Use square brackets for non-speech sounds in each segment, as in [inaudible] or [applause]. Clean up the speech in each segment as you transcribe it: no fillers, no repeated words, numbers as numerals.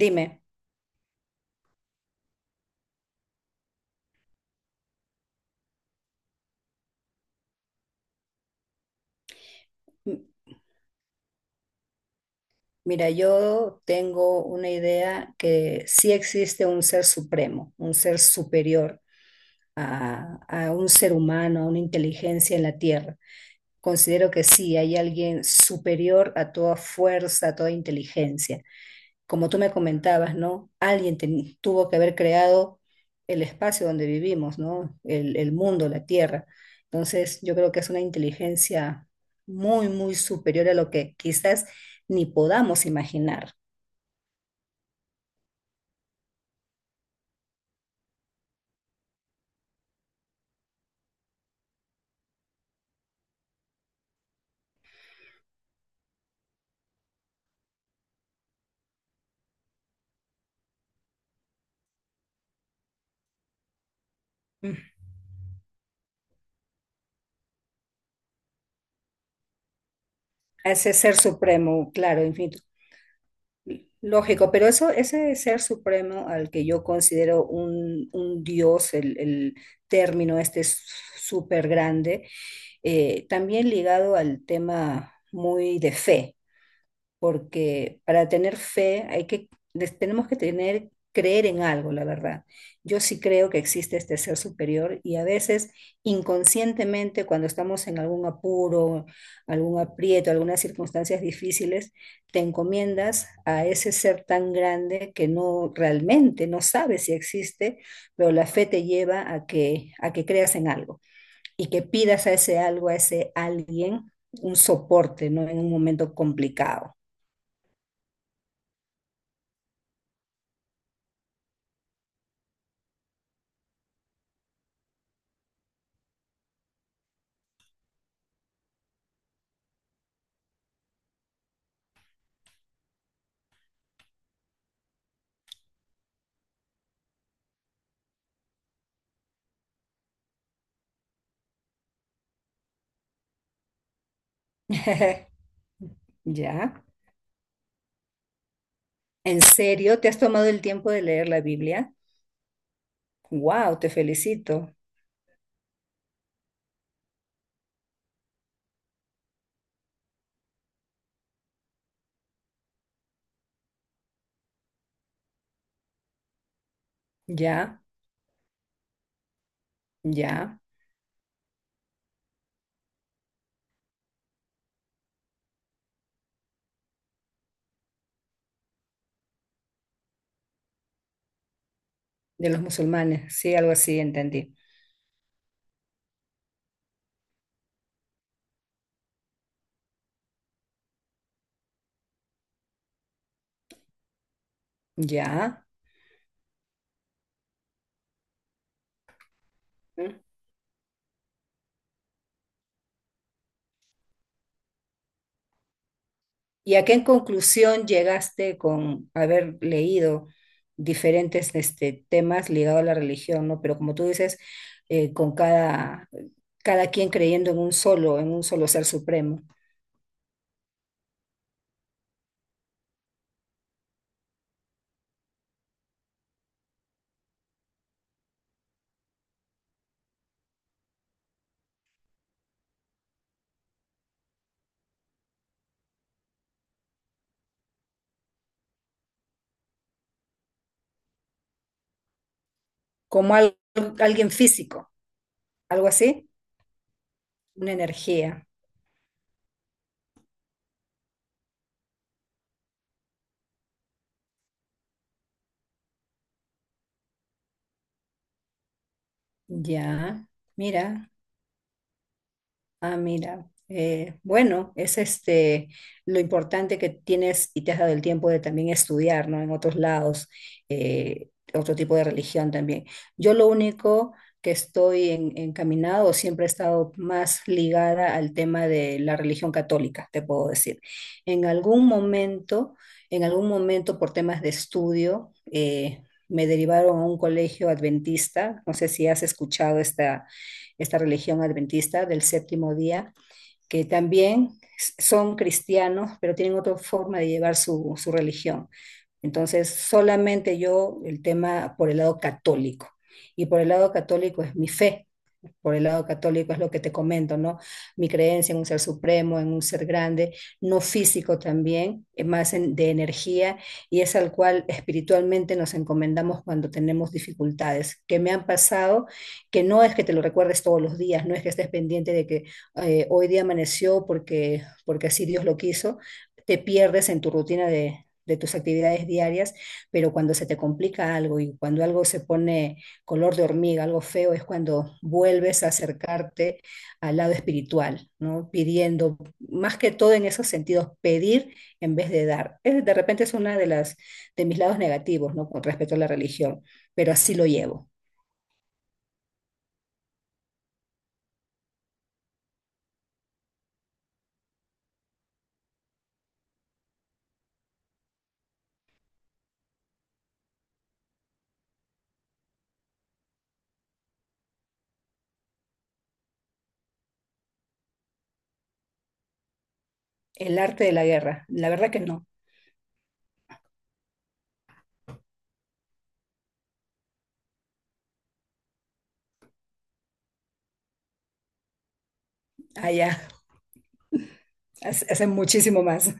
Dime. m- Mira, yo tengo una idea que sí existe un ser supremo, un ser superior a un ser humano, a una inteligencia en la Tierra. Considero que sí, hay alguien superior a toda fuerza, a toda inteligencia. Como tú me comentabas, ¿no? Alguien tuvo que haber creado el espacio donde vivimos, ¿no? El mundo, la tierra. Entonces, yo creo que es una inteligencia muy superior a lo que quizás ni podamos imaginar. Mm. A ese ser supremo, claro, infinito. Lógico, pero eso, ese ser supremo al que yo considero un dios, el término este es súper grande, también ligado al tema muy de fe porque para tener fe hay que, tenemos que tener, creer en algo, la verdad. Yo sí creo que existe este ser superior y a veces inconscientemente cuando estamos en algún apuro, algún aprieto, algunas circunstancias difíciles, te encomiendas a ese ser tan grande que no realmente no sabes si existe, pero la fe te lleva a que creas en algo y que pidas a ese algo, a ese alguien, un soporte, ¿no? En un momento complicado. [laughs] Ya. ¿En serio? ¿Te has tomado el tiempo de leer la Biblia? Wow, te felicito. Ya, ya. De los musulmanes, sí, algo así, entendí. Ya. ¿Mm? ¿Y a qué conclusión llegaste con haber leído diferentes este, temas ligados a la religión, ¿no? Pero como tú dices, con cada, cada quien creyendo en un solo ser supremo, como alguien físico, algo así, una energía. Ya, mira, ah, mira. Bueno, es este lo importante que tienes y te has dado el tiempo de también estudiar, ¿no? En otros lados, eh, otro tipo de religión también. Yo lo único que estoy encaminado, siempre he estado más ligada al tema de la religión católica, te puedo decir. En algún momento, en algún momento por temas de estudio, me derivaron a un colegio adventista, no sé si has escuchado esta esta religión adventista del séptimo día, que también son cristianos, pero tienen otra forma de llevar su religión. Entonces, solamente yo el tema por el lado católico. Y por el lado católico es mi fe, por el lado católico es lo que te comento, ¿no? Mi creencia en un ser supremo, en un ser grande, no físico también, es más de energía, y es al cual espiritualmente nos encomendamos cuando tenemos dificultades que me han pasado, que no es que te lo recuerdes todos los días, no es que estés pendiente de que hoy día amaneció porque, porque así Dios lo quiso, te pierdes en tu rutina de tus actividades diarias, pero cuando se te complica algo y cuando algo se pone color de hormiga, algo feo, es cuando vuelves a acercarte al lado espiritual, ¿no? Pidiendo, más que todo en esos sentidos, pedir en vez de dar. Es, de repente es una de las de mis lados negativos, ¿no? Con respecto a la religión, pero así lo llevo. El arte de la guerra, la verdad que no. Allá hacen muchísimo más.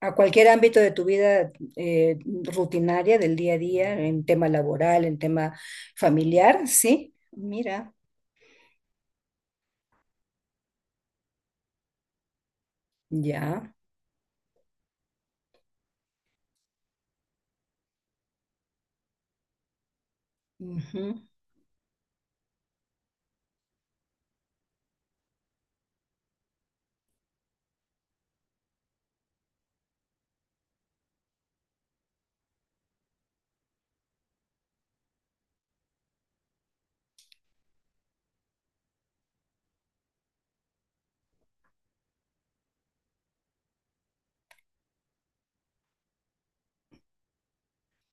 A cualquier ámbito de tu vida eh, rutinaria, del día a día, en tema laboral, en tema familiar, sí. Mira, ya. Ujú.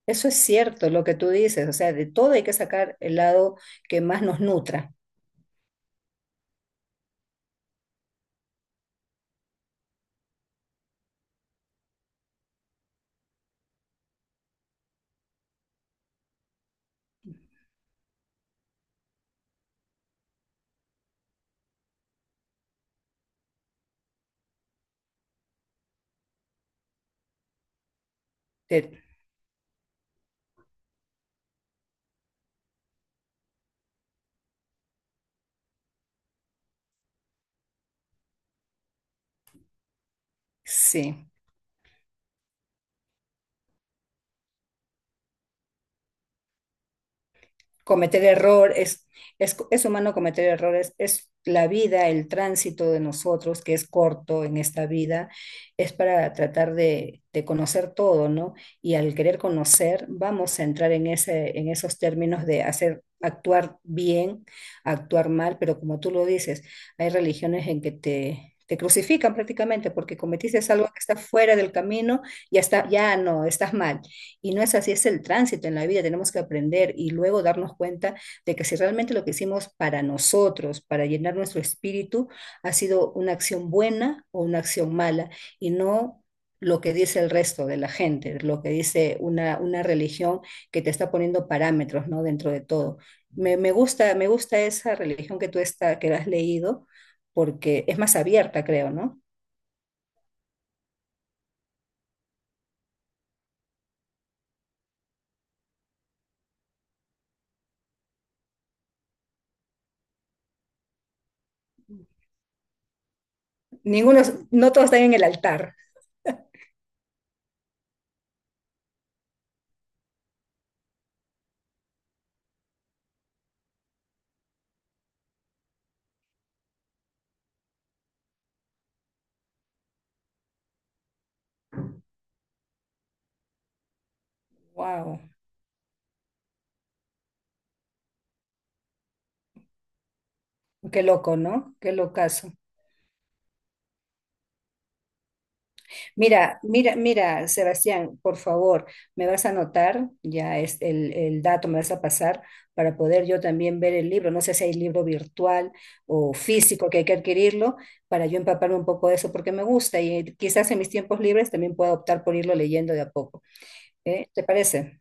Eso es cierto, lo que tú dices, o sea, de todo hay que sacar el lado que más nos nutra. De- sí. Cometer errores, es, humano cometer errores, es la vida, el tránsito de nosotros, que es corto en esta vida, es para tratar de conocer todo, ¿no? Y al querer conocer, vamos a entrar en, ese, en esos términos de hacer, actuar bien, actuar mal, pero como tú lo dices, hay religiones en que te crucifican prácticamente porque cometiste algo que está fuera del camino, ya está, ya no, estás mal. Y no es así, es el tránsito en la vida, tenemos que aprender y luego darnos cuenta de que si realmente lo que hicimos para nosotros, para llenar nuestro espíritu, ha sido una acción buena o una acción mala y no lo que dice el resto de la gente, lo que dice una religión que te está poniendo parámetros, ¿no? Dentro de todo. Me gusta, me gusta esa religión que tú está, que has leído porque es más abierta, creo, ¿no? Ninguno, no todos están en el altar. Wow, qué loco, ¿no? Qué locazo. Mira, mira, mira, Sebastián, por favor, me vas a anotar ya es el dato, me vas a pasar para poder yo también ver el libro. No sé si hay libro virtual o físico que hay que adquirirlo para yo empaparme un poco de eso porque me gusta y quizás en mis tiempos libres también pueda optar por irlo leyendo de a poco. ¿Eh? ¿Te parece?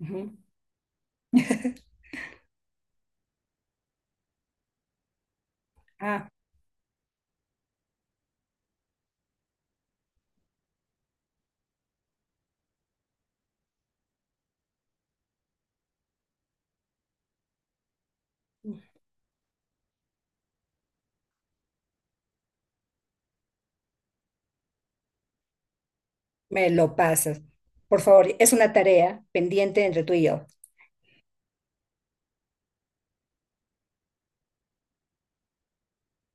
Ujú. Ah, me lo pasas. Por favor, es una tarea pendiente entre tú y yo.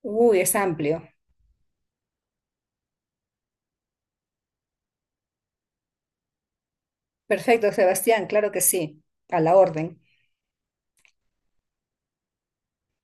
Uy, es amplio. Perfecto, Sebastián, claro que sí. A la orden.